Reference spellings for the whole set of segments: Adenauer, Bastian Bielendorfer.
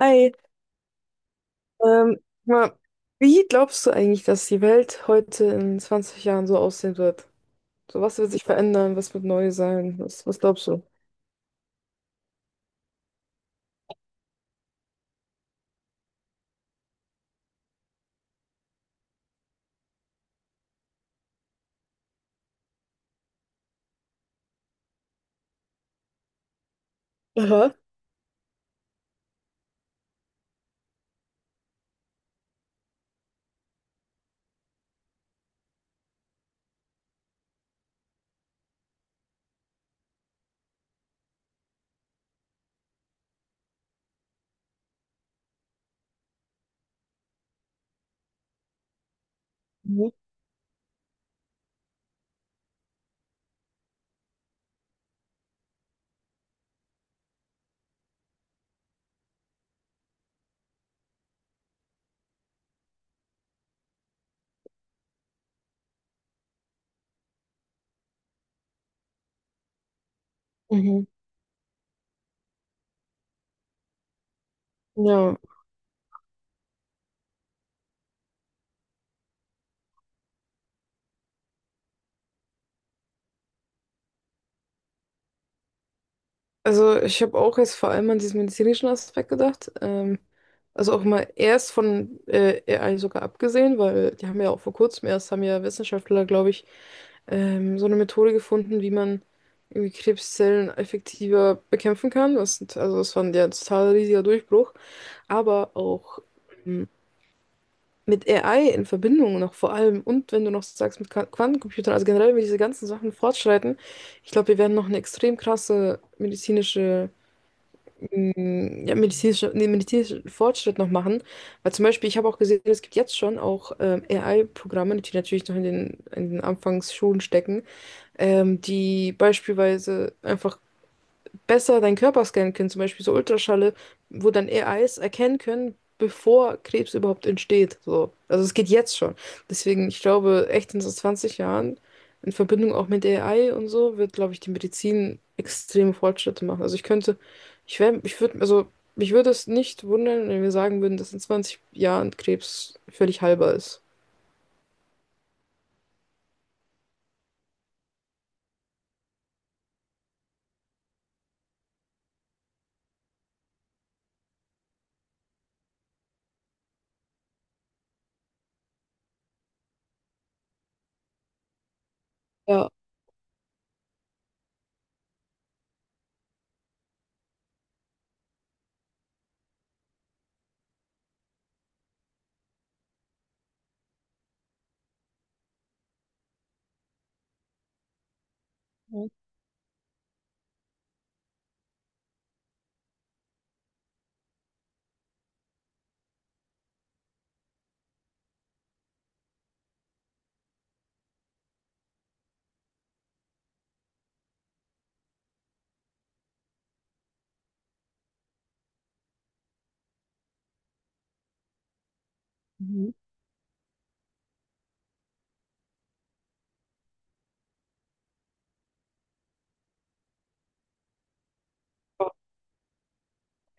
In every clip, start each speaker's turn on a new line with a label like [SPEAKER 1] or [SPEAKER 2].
[SPEAKER 1] Hi, ähm, mal, wie glaubst du eigentlich, dass die Welt heute in 20 Jahren so aussehen wird? So, was wird sich verändern? Was wird neu sein? Was glaubst du? Aha. Mhm. Mhm. Ja, also ich habe auch jetzt vor allem an diesen medizinischen Aspekt gedacht. Also auch mal erst von AI sogar abgesehen, weil die haben ja auch vor kurzem erst, haben ja Wissenschaftler, glaube ich, so eine Methode gefunden, wie man irgendwie Krebszellen effektiver bekämpfen kann. Also das war ja ein ja, total riesiger Durchbruch. Aber auch ähm, mit AI in Verbindung noch vor allem und wenn du noch so sagst mit Quantencomputern, also generell, wenn diese ganzen Sachen fortschreiten, ich glaube, wir werden noch eine extrem krasse medizinische ja, medizinische, nee, medizinischen Fortschritt noch machen. Weil zum Beispiel, ich habe auch gesehen, es gibt jetzt schon auch AI-Programme, die natürlich noch in den Anfangsschulen stecken, die beispielsweise einfach besser deinen Körper scannen können, zum Beispiel so Ultraschalle, wo dann AIs erkennen können, bevor Krebs überhaupt entsteht. So. Also es geht jetzt schon. Deswegen, ich glaube, echt in so 20 Jahren, in Verbindung auch mit AI und so, wird, glaube ich, die Medizin extreme Fortschritte machen. Also ich könnte, ich wäre, ich würde, also mich würde es nicht wundern, wenn wir sagen würden, dass in 20 Jahren Krebs völlig heilbar ist. Ja,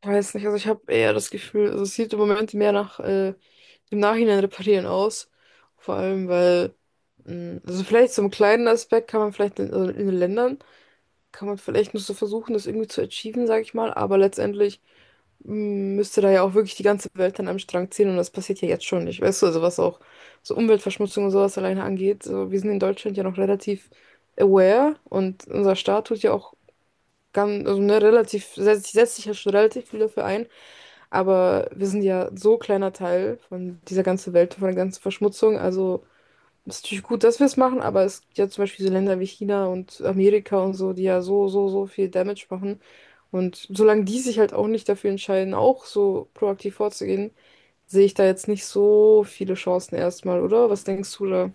[SPEAKER 1] ich weiß nicht, also ich habe eher das Gefühl, also es sieht im Moment mehr nach im Nachhinein reparieren aus. Vor allem, weil, also vielleicht so einen kleinen Aspekt kann man vielleicht in, also in den Ländern, kann man vielleicht nur so versuchen, das irgendwie zu achieven, sage ich mal, aber letztendlich müsste da ja auch wirklich die ganze Welt dann am Strang ziehen und das passiert ja jetzt schon nicht, weißt du, also was auch so Umweltverschmutzung und sowas alleine angeht. So, wir sind in Deutschland ja noch relativ aware und unser Staat tut ja auch ganz, also ne, relativ, setzt sich ja schon relativ viel dafür ein, aber wir sind ja so ein kleiner Teil von dieser ganzen Welt, von der ganzen Verschmutzung. Also es ist natürlich gut, dass wir es machen, aber es gibt ja zum Beispiel so Länder wie China und Amerika und so, die ja so, so, so viel Damage machen. Und solange die sich halt auch nicht dafür entscheiden, auch so proaktiv vorzugehen, sehe ich da jetzt nicht so viele Chancen erstmal, oder? Was denkst du da?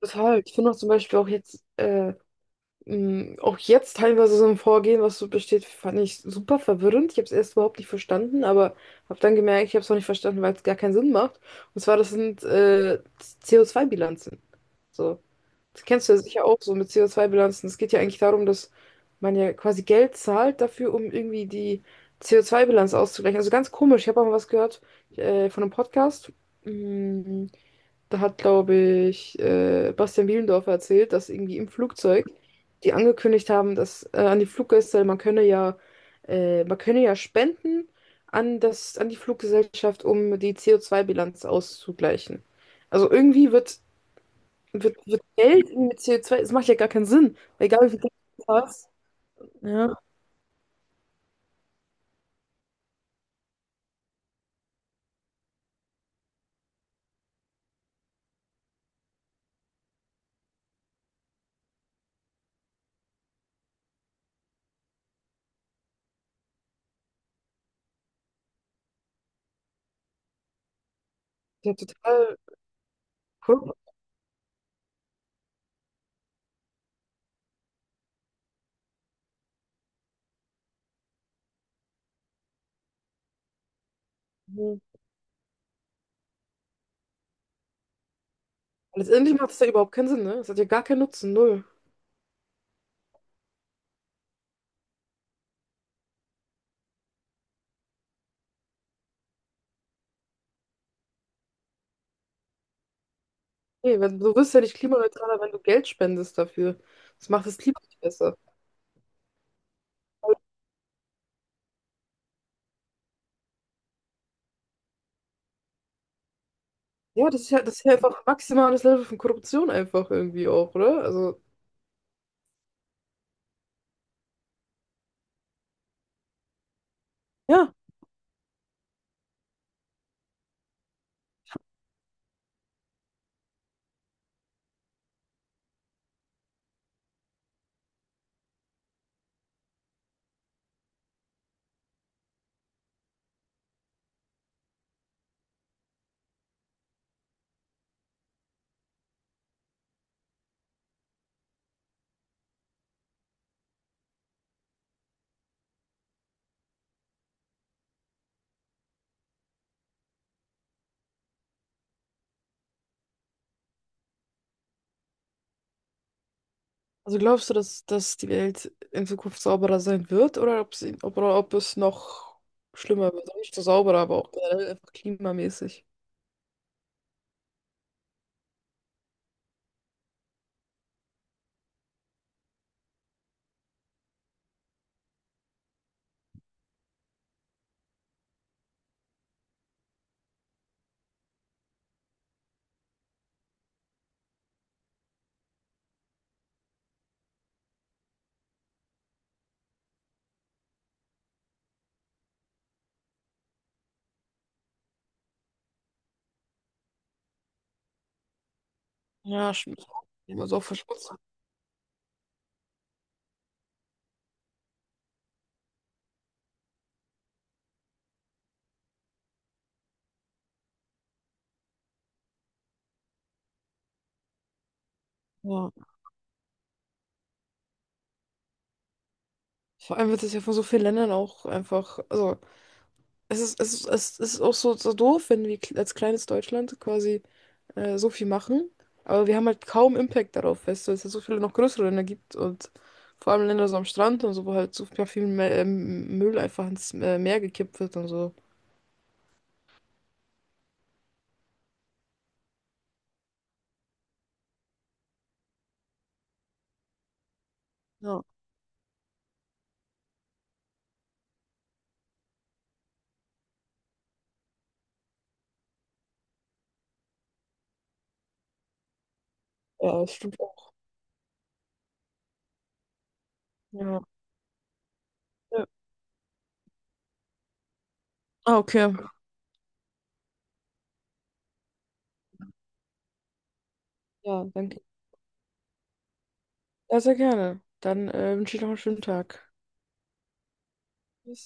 [SPEAKER 1] Total. Ich finde auch zum Beispiel auch jetzt auch jetzt teilweise so ein Vorgehen, was so besteht, fand ich super verwirrend. Ich habe es erst überhaupt nicht verstanden, aber habe dann gemerkt, ich habe es auch nicht verstanden, weil es gar keinen Sinn macht. Und zwar, das sind CO2-Bilanzen. So, das kennst du ja sicher auch so mit CO2-Bilanzen. Es geht ja eigentlich darum, dass man ja quasi Geld zahlt dafür, um irgendwie die CO2-Bilanz auszugleichen. Also ganz komisch. Ich habe auch mal was gehört von einem Podcast. Mm, Da hat, glaube ich, Bastian Bielendorfer erzählt, dass irgendwie im Flugzeug die angekündigt haben, dass an die Fluggäste, man könne ja spenden an das, an die Fluggesellschaft, um die CO2-Bilanz auszugleichen. Also irgendwie wird Geld irgendwie mit CO2, das macht ja gar keinen Sinn. Weil egal wie viel Geld du hast. Ja. Ja, total. Weil letztendlich macht es ja überhaupt keinen Sinn, ne? Es hat ja gar keinen Nutzen, null. Nee, wenn, du wirst ja nicht klimaneutraler, wenn du Geld spendest dafür. Das macht das Klima nicht besser. Ja, das ist ja, das ist ja einfach maximales Level von Korruption einfach irgendwie auch, oder? Also, ja. Also glaubst du, dass die Welt in Zukunft sauberer sein wird oder ob sie, ob, oder ob es noch schlimmer wird? Also nicht so sauberer, aber auch generell einfach klimamäßig. Ja, stimmt. Also auch verschmutzt. Ja. Vor allem wird es ja von so vielen Ländern auch einfach, also es ist, es ist, es ist auch so, so doof, wenn wir als kleines Deutschland quasi so viel machen. Aber wir haben halt kaum Impact darauf, weißt du, weil es ja so viele noch größere Länder gibt und vor allem Länder so am Strand und so, wo halt so viel viel Müll einfach ins Meer gekippt wird und so. Ja. Ja, das stimmt auch. Ja, ja. Ah, okay. Ja, danke. Ja, sehr gerne. Dann wünsche ich noch einen schönen Tag. Tschüss.